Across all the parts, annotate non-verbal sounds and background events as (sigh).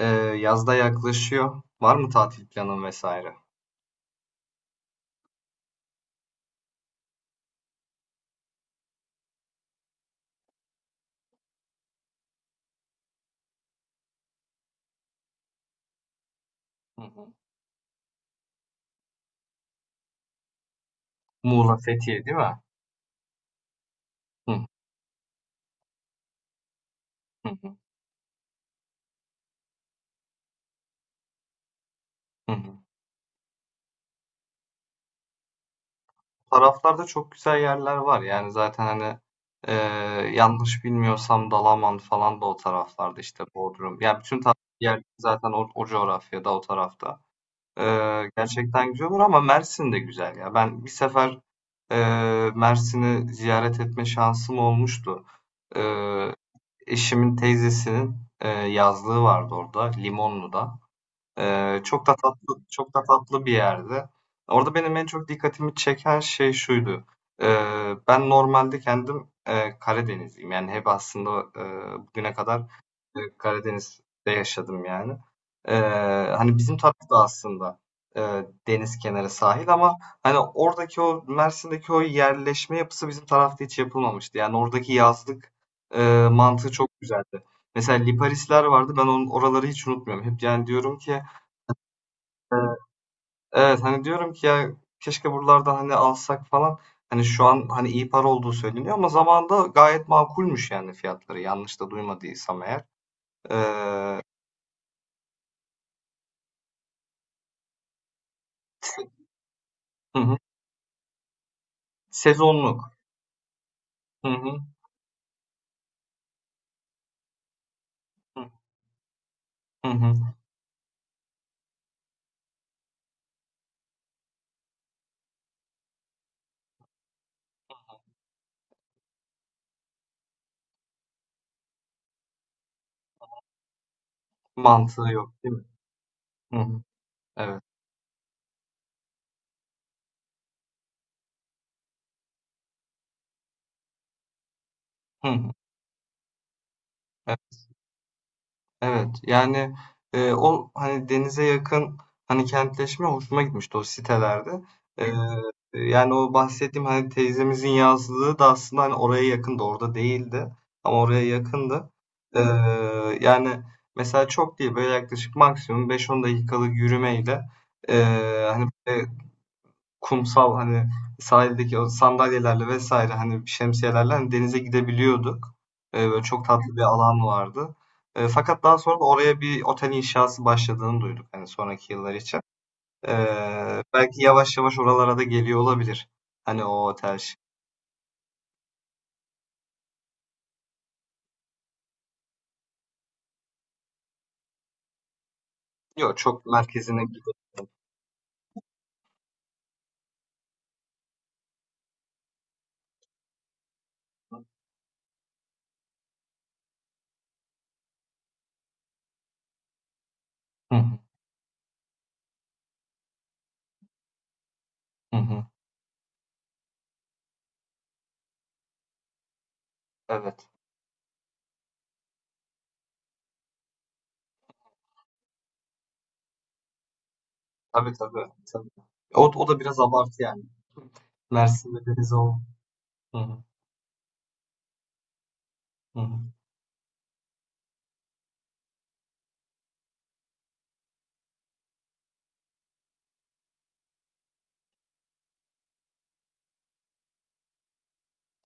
Eee, yaz yaklaşıyor. Var mı tatil planın vesaire? Hı hı. Muğla, Fethiye değil mi? Hı. Hı hı. Hı hı. Taraflarda çok güzel yerler var. Yani zaten hani eee, yanlış bilmiyorsam Dalaman falan da o taraflarda işte Bodrum. Yani bütün tatil yerleri zaten o coğrafyada o tarafta. Gerçekten güzel olur ama Mersin de güzel ya. Ben bir sefer Mersin'i ziyaret etme şansım olmuştu. Ee, Eşimin teyzesinin, yazlığı vardı orada, Limonlu'da. Çok da tatlı, çok da tatlı bir yerde. Orada benim en çok dikkatimi çeken şey şuydu. Ben normalde kendim Karadenizliyim. Yani hep aslında e, bugüne kadar Karadeniz'de yaşadım yani. Ee, Hani bizim taraf da aslında e, deniz kenarı sahil ama hani oradaki o Mersin'deki o yerleşme yapısı bizim tarafta hiç yapılmamıştı. Yani oradaki yazlık mantığı çok güzeldi. Mesela Liparisler vardı. Ben onun oraları hiç unutmuyorum. Hep yani diyorum ki. Evet, evet. Hani diyorum ki, ya keşke buralarda hani alsak falan. Hani şu an hani iyi para olduğu söyleniyor ama zamanında gayet makulmüş yani fiyatları. Yanlış da duymadıysam eğer. Ee, hı hı. Sezonluk. Hı hı. Hı hı. Mantığı yok değil mi? Hı hı. Evet. Hı hı. Evet. Evet yani o hani denize yakın hani kentleşme hoşuma gitmişti o sitelerde. E, Yani o bahsettiğim hani teyzemizin yazlığı da aslında hani oraya yakındı orada değildi ama oraya yakındı. E, Yani mesela çok değil böyle yaklaşık maksimum 5-10 dakikalık yürümeyle e, hani kumsal hani sahildeki o sandalyelerle vesaire hani şemsiyelerle hani denize gidebiliyorduk. Böyle çok tatlı bir alan vardı. Fakat daha sonra da oraya bir otel inşası başladığını duyduk hani sonraki yıllar için. Belki yavaş yavaş oralara da geliyor olabilir. Hani o otel şey. Yok, çok merkezine gidiyor. Hı hı, hı hı. Evet. Tabii tabii. Tabii. O da biraz abartı yani. Mersin'de deniz ol. Hı hı, hı hı.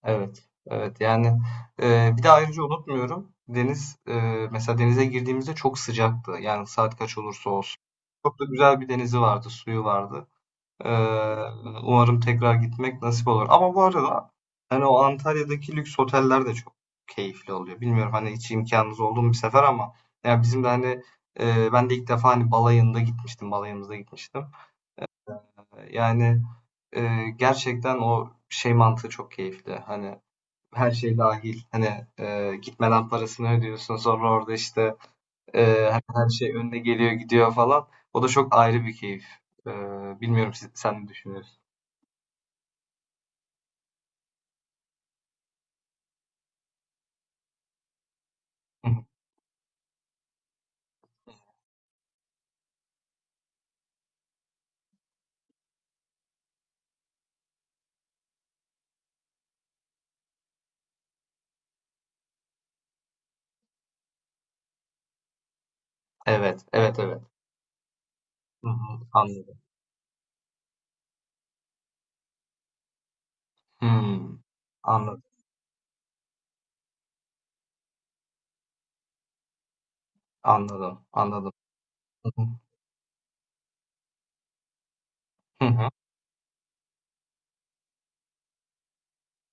Evet, evet. Yani, bir de ayrıca unutmuyorum, deniz, mesela denize girdiğimizde çok sıcaktı. Yani saat kaç olursa olsun. Çok da güzel bir denizi vardı, suyu vardı. Eee, Umarım tekrar gitmek nasip olur. Ama bu arada, hani, o Antalya'daki lüks oteller de çok keyifli oluyor. Bilmiyorum, hani, hiç imkanınız oldu mu bir sefer ama ya bizim de, hani, ben de ilk defa, hani, balayında gitmiştim, balayımızda gitmiştim. Yani, gerçekten o şey mantığı çok keyifli. Hani her şey dahil. Hani, gitmeden parasını ödüyorsun. Sonra orada, işte, hani, her şey önüne geliyor, gidiyor falan. O da çok ayrı bir keyif. Bilmiyorum, sen ne düşünüyorsun? Hı hı. Evet, evet, evet. Hı hı, anladım. Hımm. Anladım, anladım, anladım. Hı hı. Hı hı.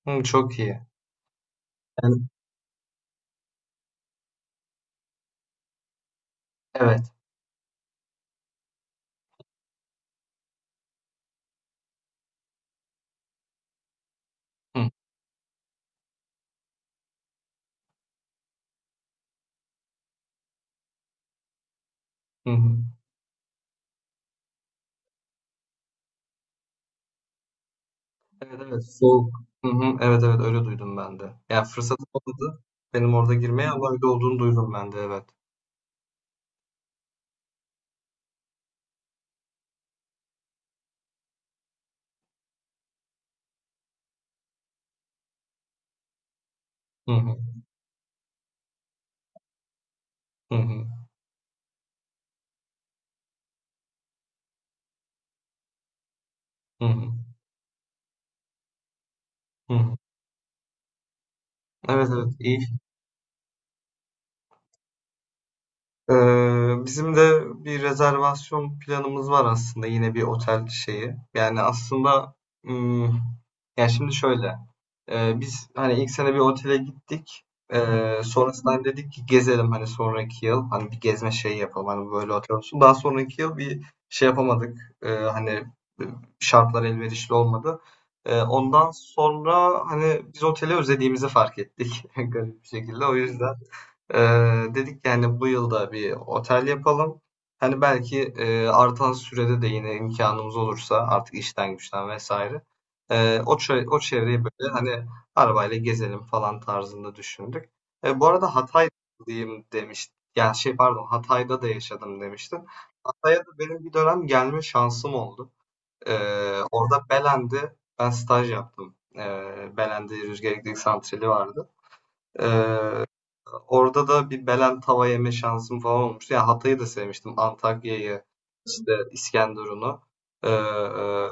Çok iyi. Yani. Evet. Hı. Hı hı. Evet, evet. Soğuk. Hı hı. Evet, evet. Öyle duydum ben de. Ya, fırsatım olmadı benim orada girmeye ama öyle olduğunu duydum ben de, evet. Hı hı. Hı hı. Hı hı. Hı hı. Evet, evet. iyi. Bizim de bir rezervasyon planımız var aslında yine bir otel şeyi. Yani aslında, hmm, yani şimdi şöyle. Biz hani ilk sene bir otele gittik. Sonrasında hani dedik ki gezelim hani sonraki yıl hani bir gezme şeyi yapalım hani böyle otel olsun. Daha sonraki yıl bir şey yapamadık. Hani şartlar elverişli olmadı. Ondan sonra hani biz oteli özlediğimizi fark ettik (laughs) garip bir şekilde. O yüzden. Dedik yani bu yılda bir otel yapalım. Hani belki artan sürede de yine imkanımız olursa artık işten güçten vesaire. O çevreyi böyle hani arabayla gezelim falan tarzında düşündük. Bu arada Hatay'dayım demiştim. Yani şey pardon, Hatay'da da yaşadım demiştim. Hatay'a da benim bir dönem gelme şansım oldu. Orada Belen'de ben staj yaptım. Belen'de rüzgar elektrik santrali vardı. Ee, Orada da bir Belen tava yeme şansım falan olmuştu. Ya Hatay'ı da sevmiştim. Antakya'yı, işte İskenderun'u. Ee, e,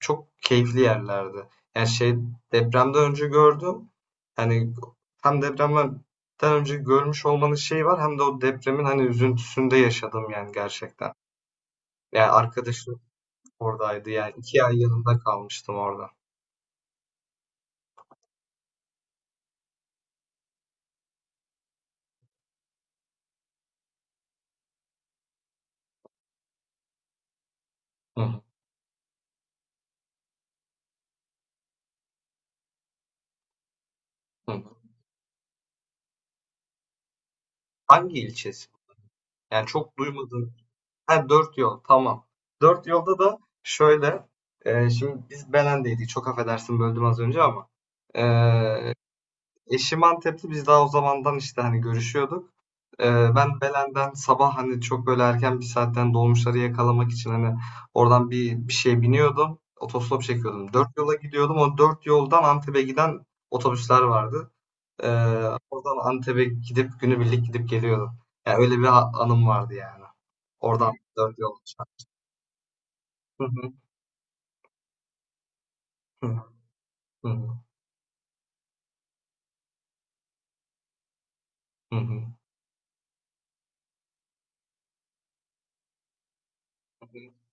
Çok keyifli yerlerdi. Yani şey depremden önce gördüm. Hani hem depremden önce görmüş olmanın şeyi var hem de o depremin hani üzüntüsünde yaşadım yani gerçekten. Yani arkadaşım oradaydı yani 2 ay yanında kalmıştım orada. Hı hı, hı hı. Hangi ilçesi? Yani çok duymadım. Ha, Dört yol. Tamam. Dört yolda da şöyle. Şimdi biz Belen'deydik. Çok affedersin, böldüm az önce ama. E, eşim Antep'ti. Biz daha o zamandan işte hani görüşüyorduk. E, Ben Belen'den sabah hani çok böyle erken bir saatten dolmuşları yakalamak için hani oradan bir şey biniyordum. Otostop çekiyordum. Dört yola gidiyordum. O Dört yoldan Antep'e giden otobüsler vardı. E, Oradan Antep'e gidip günübirlik gidip geliyordum. Yani öyle bir anım vardı yani. Oradan Dört yol. Hı hı. Hı hı. Hı hı.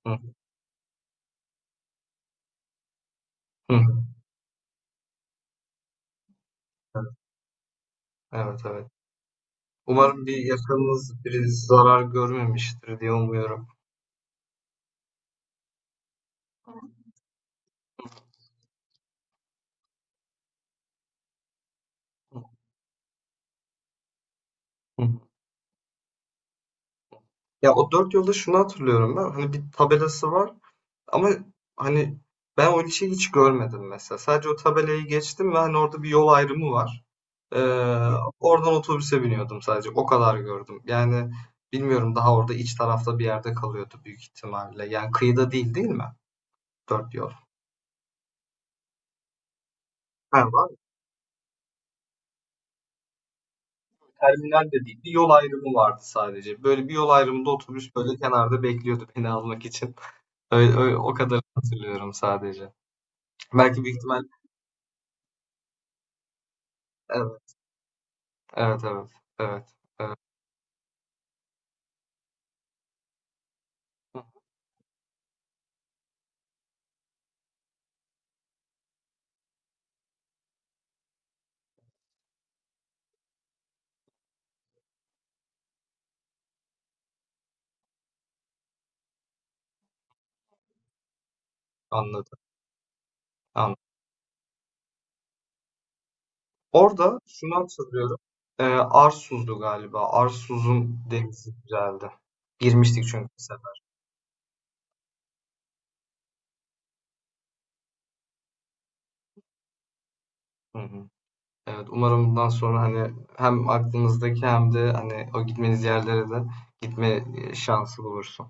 Hı hı. Hı hı. Hı. Evet, evet, evet. Umarım bir yakınınız biri zarar görmemiştir diye umuyorum. Hı hı. Ya o Dört yolda şunu hatırlıyorum ben. Hani bir tabelası var ama hani ben o ilçeyi hiç görmedim mesela. Sadece o tabelayı geçtim ve hani orada bir yol ayrımı var. Ee, Oradan otobüse biniyordum sadece. O kadar gördüm. Yani bilmiyorum, daha orada iç tarafta bir yerde kalıyordu büyük ihtimalle. Yani kıyıda değil, değil mi? Dört yol. Ha, var, terminal de değildi. Yol ayrımı vardı sadece. Böyle bir yol ayrımında otobüs böyle kenarda bekliyordu beni almak için. (laughs) Öyle, o kadar hatırlıyorum sadece. Belki büyük ihtimal. Evet, evet, evet, evet, evet. Hı, anladım, anladım. Orada şunu hatırlıyorum. Arsuz'du galiba. Arsuz'un denizi güzeldi. Girmiştik çünkü bir sefer. Hı hı. Evet, umarım bundan sonra hani hem aklınızdaki hem de hani o gitmeniz yerlere de gitme şansı bulursunuz.